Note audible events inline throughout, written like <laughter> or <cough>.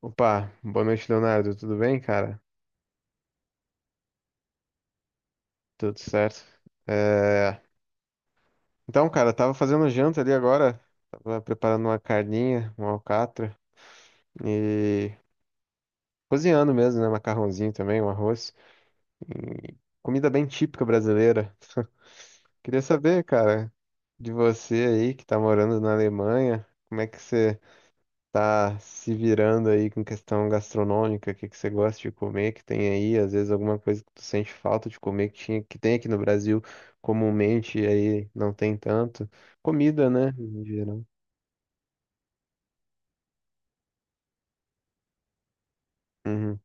Opa, boa noite, Leonardo. Tudo bem, cara? Tudo certo. É, Então, cara, eu tava fazendo janta ali agora. Tava preparando uma carninha, uma alcatra e cozinhando mesmo, né? Macarrãozinho também, um arroz. E Comida bem típica brasileira. <laughs> Queria saber, cara, de você aí que tá morando na Alemanha, como é que você tá se virando aí com questão gastronômica, o que que você gosta de comer, que tem aí, às vezes alguma coisa que tu sente falta de comer, que tinha, que tem aqui no Brasil comumente, e aí não tem tanto. Comida, né, em geral. Uhum,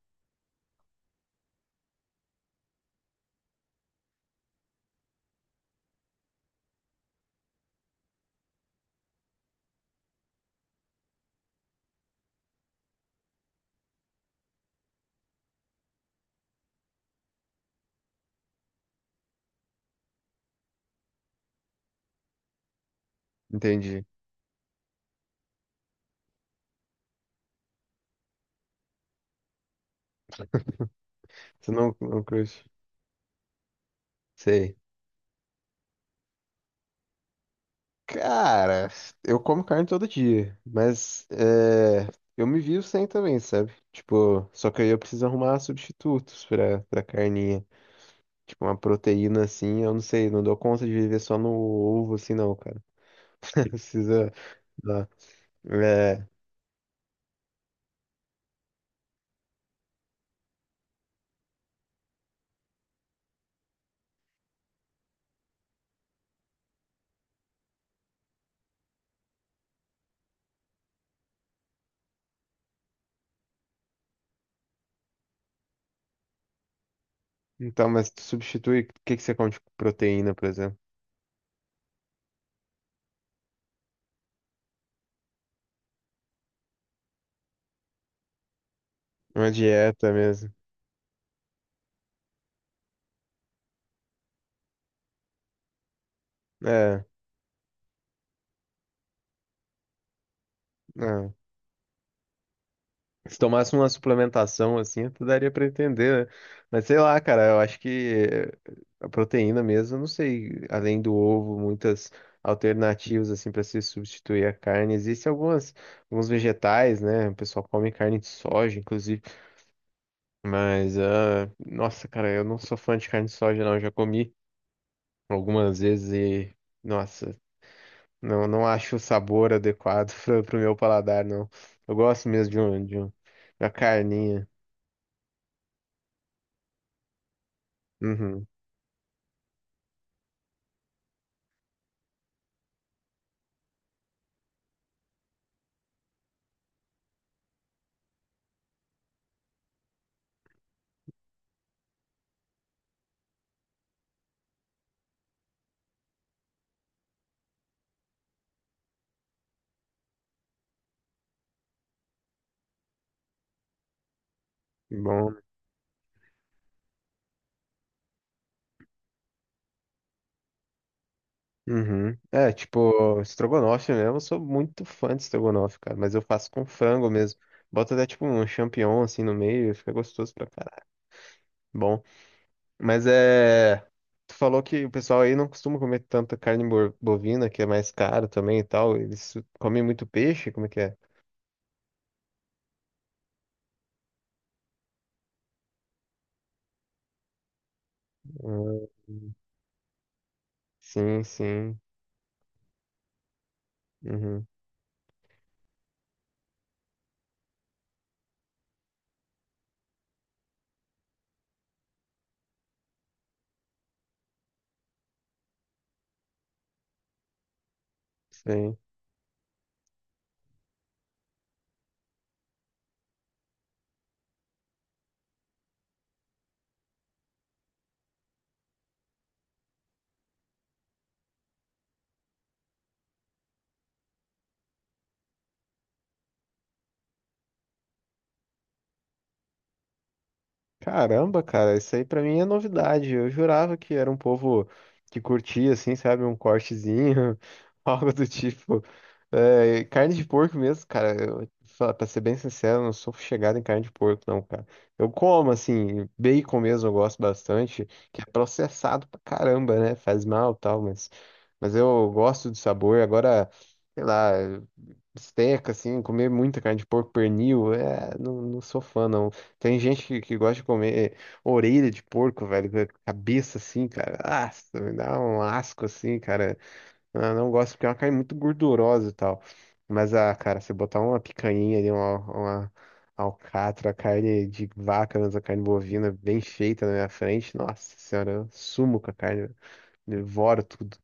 entendi. Você não curte? Sei. Cara, eu como carne todo dia, mas eu me vivo sem também, sabe? Tipo, só que aí eu preciso arrumar substitutos pra carninha. Tipo, uma proteína assim, eu não sei, não dou conta de viver só no ovo assim, não, cara. <laughs> Precisa dar. É. Então, mas tu substitui, o que que você come de proteína, por exemplo? Uma dieta mesmo. É, não. Se tomasse uma suplementação assim, tu daria pra entender, né? Mas sei lá, cara, eu acho que a proteína mesmo, eu não sei, além do ovo, muitas alternativas assim para se substituir a carne. Existem algumas, alguns vegetais, né? O pessoal come carne de soja, inclusive. Mas, ah, nossa, cara, eu não sou fã de carne de soja, não. Eu já comi algumas vezes e, nossa, não acho o sabor adequado <laughs> pro meu paladar, não. Eu gosto mesmo da carninha. Uhum, bom. Uhum. É, tipo, estrogonofe mesmo. Eu sou muito fã de estrogonofe, cara, mas eu faço com frango mesmo. Bota até, tipo, um champignon, assim, no meio, fica gostoso pra caralho. Bom. Mas é. Tu falou que o pessoal aí não costuma comer tanta carne bovina, que é mais caro também e tal. Eles comem muito peixe, como é que é? Hum, sim, sim. Uhum, sim. Caramba, cara, isso aí pra mim é novidade. Eu jurava que era um povo que curtia, assim, sabe, um cortezinho, <laughs> algo do tipo. É, carne de porco mesmo, cara. Eu, pra ser bem sincero, eu não sou chegado em carne de porco, não, cara. Eu como, assim, bacon mesmo, eu gosto bastante, que é processado pra caramba, né? Faz mal e tal, mas eu gosto do sabor. Agora, sei lá. Bisteca, assim, comer muita carne de porco, pernil, é, não sou fã, não. Tem gente que gosta de comer orelha de porco, velho, com a cabeça assim, cara. Nossa, me dá um asco assim, cara. Eu não gosto porque é uma carne muito gordurosa e tal. Mas, ah, cara, você botar uma picanha ali, uma alcatra, carne de vaca, mas a carne bovina bem feita na minha frente, nossa senhora, eu sumo com a carne, devoro tudo.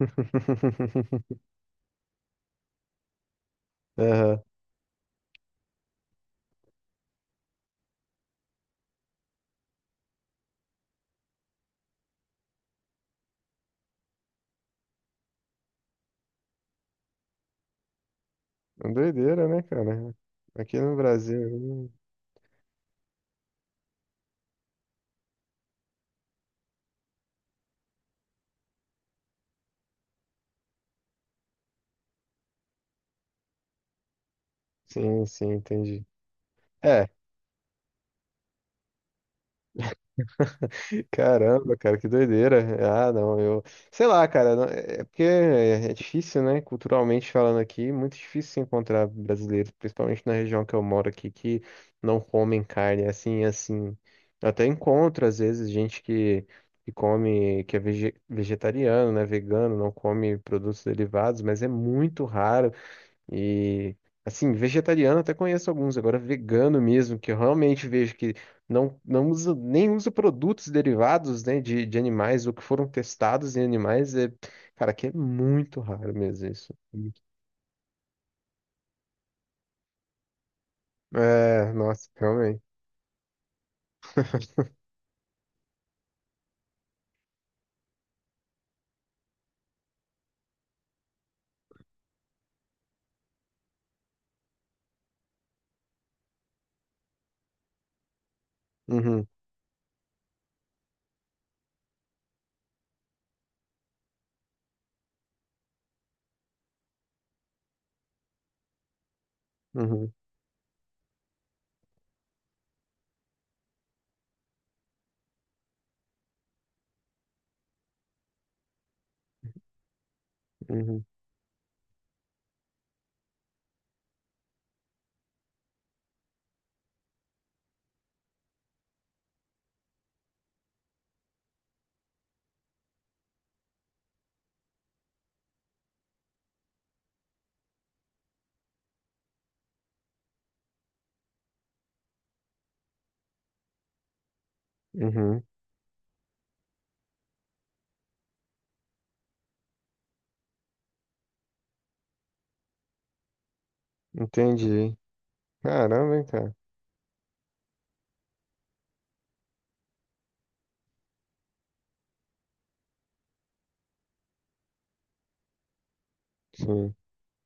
<laughs> Aham. É uma doideira, né, cara? Aqui no Brasil. Hum, sim, sim, entendi. É, <laughs> caramba, cara, que doideira. Ah, não, eu. Sei lá, cara, é é porque é é difícil, né? Culturalmente falando aqui, muito difícil se encontrar brasileiros, principalmente na região que eu moro aqui, que não comem carne assim, assim. Eu até encontro, às vezes, gente que come, que é vegetariano, né? Vegano, não come produtos derivados, mas é muito raro. E assim, vegetariano até conheço alguns, agora vegano mesmo, que eu realmente vejo que não usa, nem usa produtos derivados, né, de animais ou que foram testados em animais, é, cara, que é muito raro mesmo isso. É, nossa, realmente. <laughs> Uhum, uhum, uhum, uhum. Entendi. Caramba, hein, cara. Sim.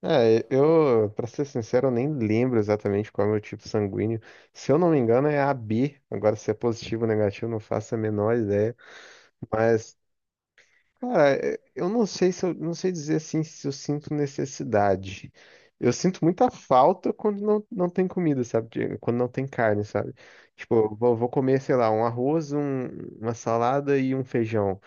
É, eu, pra ser sincero, eu nem lembro exatamente qual é o meu tipo sanguíneo. Se eu não me engano, é A B. Agora, se é positivo ou negativo, não faço a menor ideia. Mas, cara, eu não sei se eu não sei dizer assim se eu sinto necessidade. Eu sinto muita falta quando não tem comida, sabe? Quando não tem carne, sabe? Tipo, eu vou comer, sei lá, um arroz, uma salada e um feijão.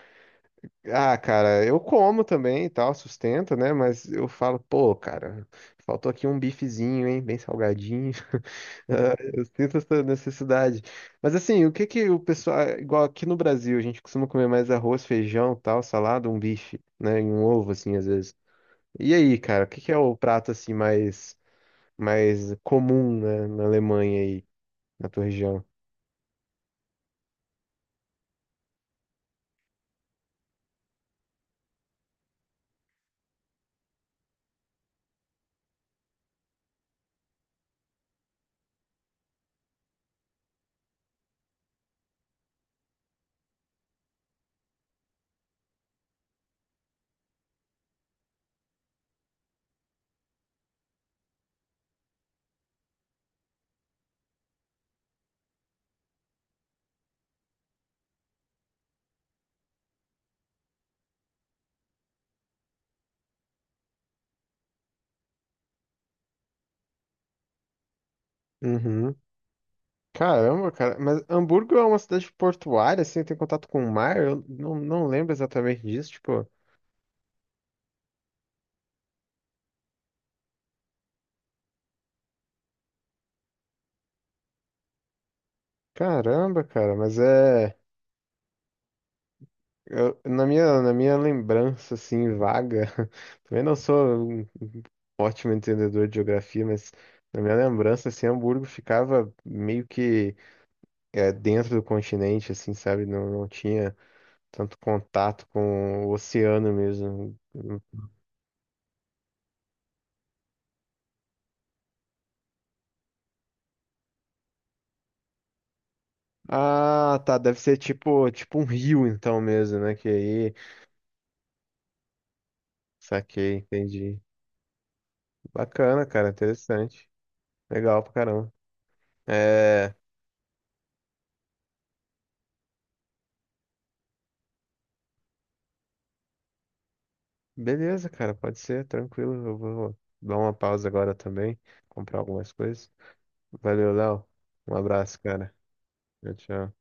Ah, cara, eu como também e tal, sustento, né? Mas eu falo, pô, cara, faltou aqui um bifezinho, hein? Bem salgadinho. <laughs> Ah, eu sinto essa necessidade. Mas assim, o que que o pessoal, igual aqui no Brasil, a gente costuma comer mais arroz, feijão, tal, salada, um bife, né? E um ovo, assim, às vezes. E aí, cara, o que que é o prato, assim, mais comum, né, na Alemanha aí, na tua região? Uhum. Caramba, cara, mas Hamburgo é uma cidade portuária, assim, tem contato com o mar? Eu não lembro exatamente disso, tipo, caramba, cara, mas é. Eu- na minha lembrança, assim, vaga, <laughs> também não sou um ótimo entendedor de geografia, mas na minha lembrança, assim, Hamburgo ficava meio que é, dentro do continente, assim, sabe? Não tinha tanto contato com o oceano mesmo. Ah, tá, deve ser tipo, tipo um rio, então mesmo, né? Que aí. Saquei, entendi. Bacana, cara, interessante. Legal pra caramba. É, beleza, cara, pode ser, tranquilo. Eu vou dar uma pausa agora também, comprar algumas coisas. Valeu, Léo. Um abraço, cara. Tchau, tchau.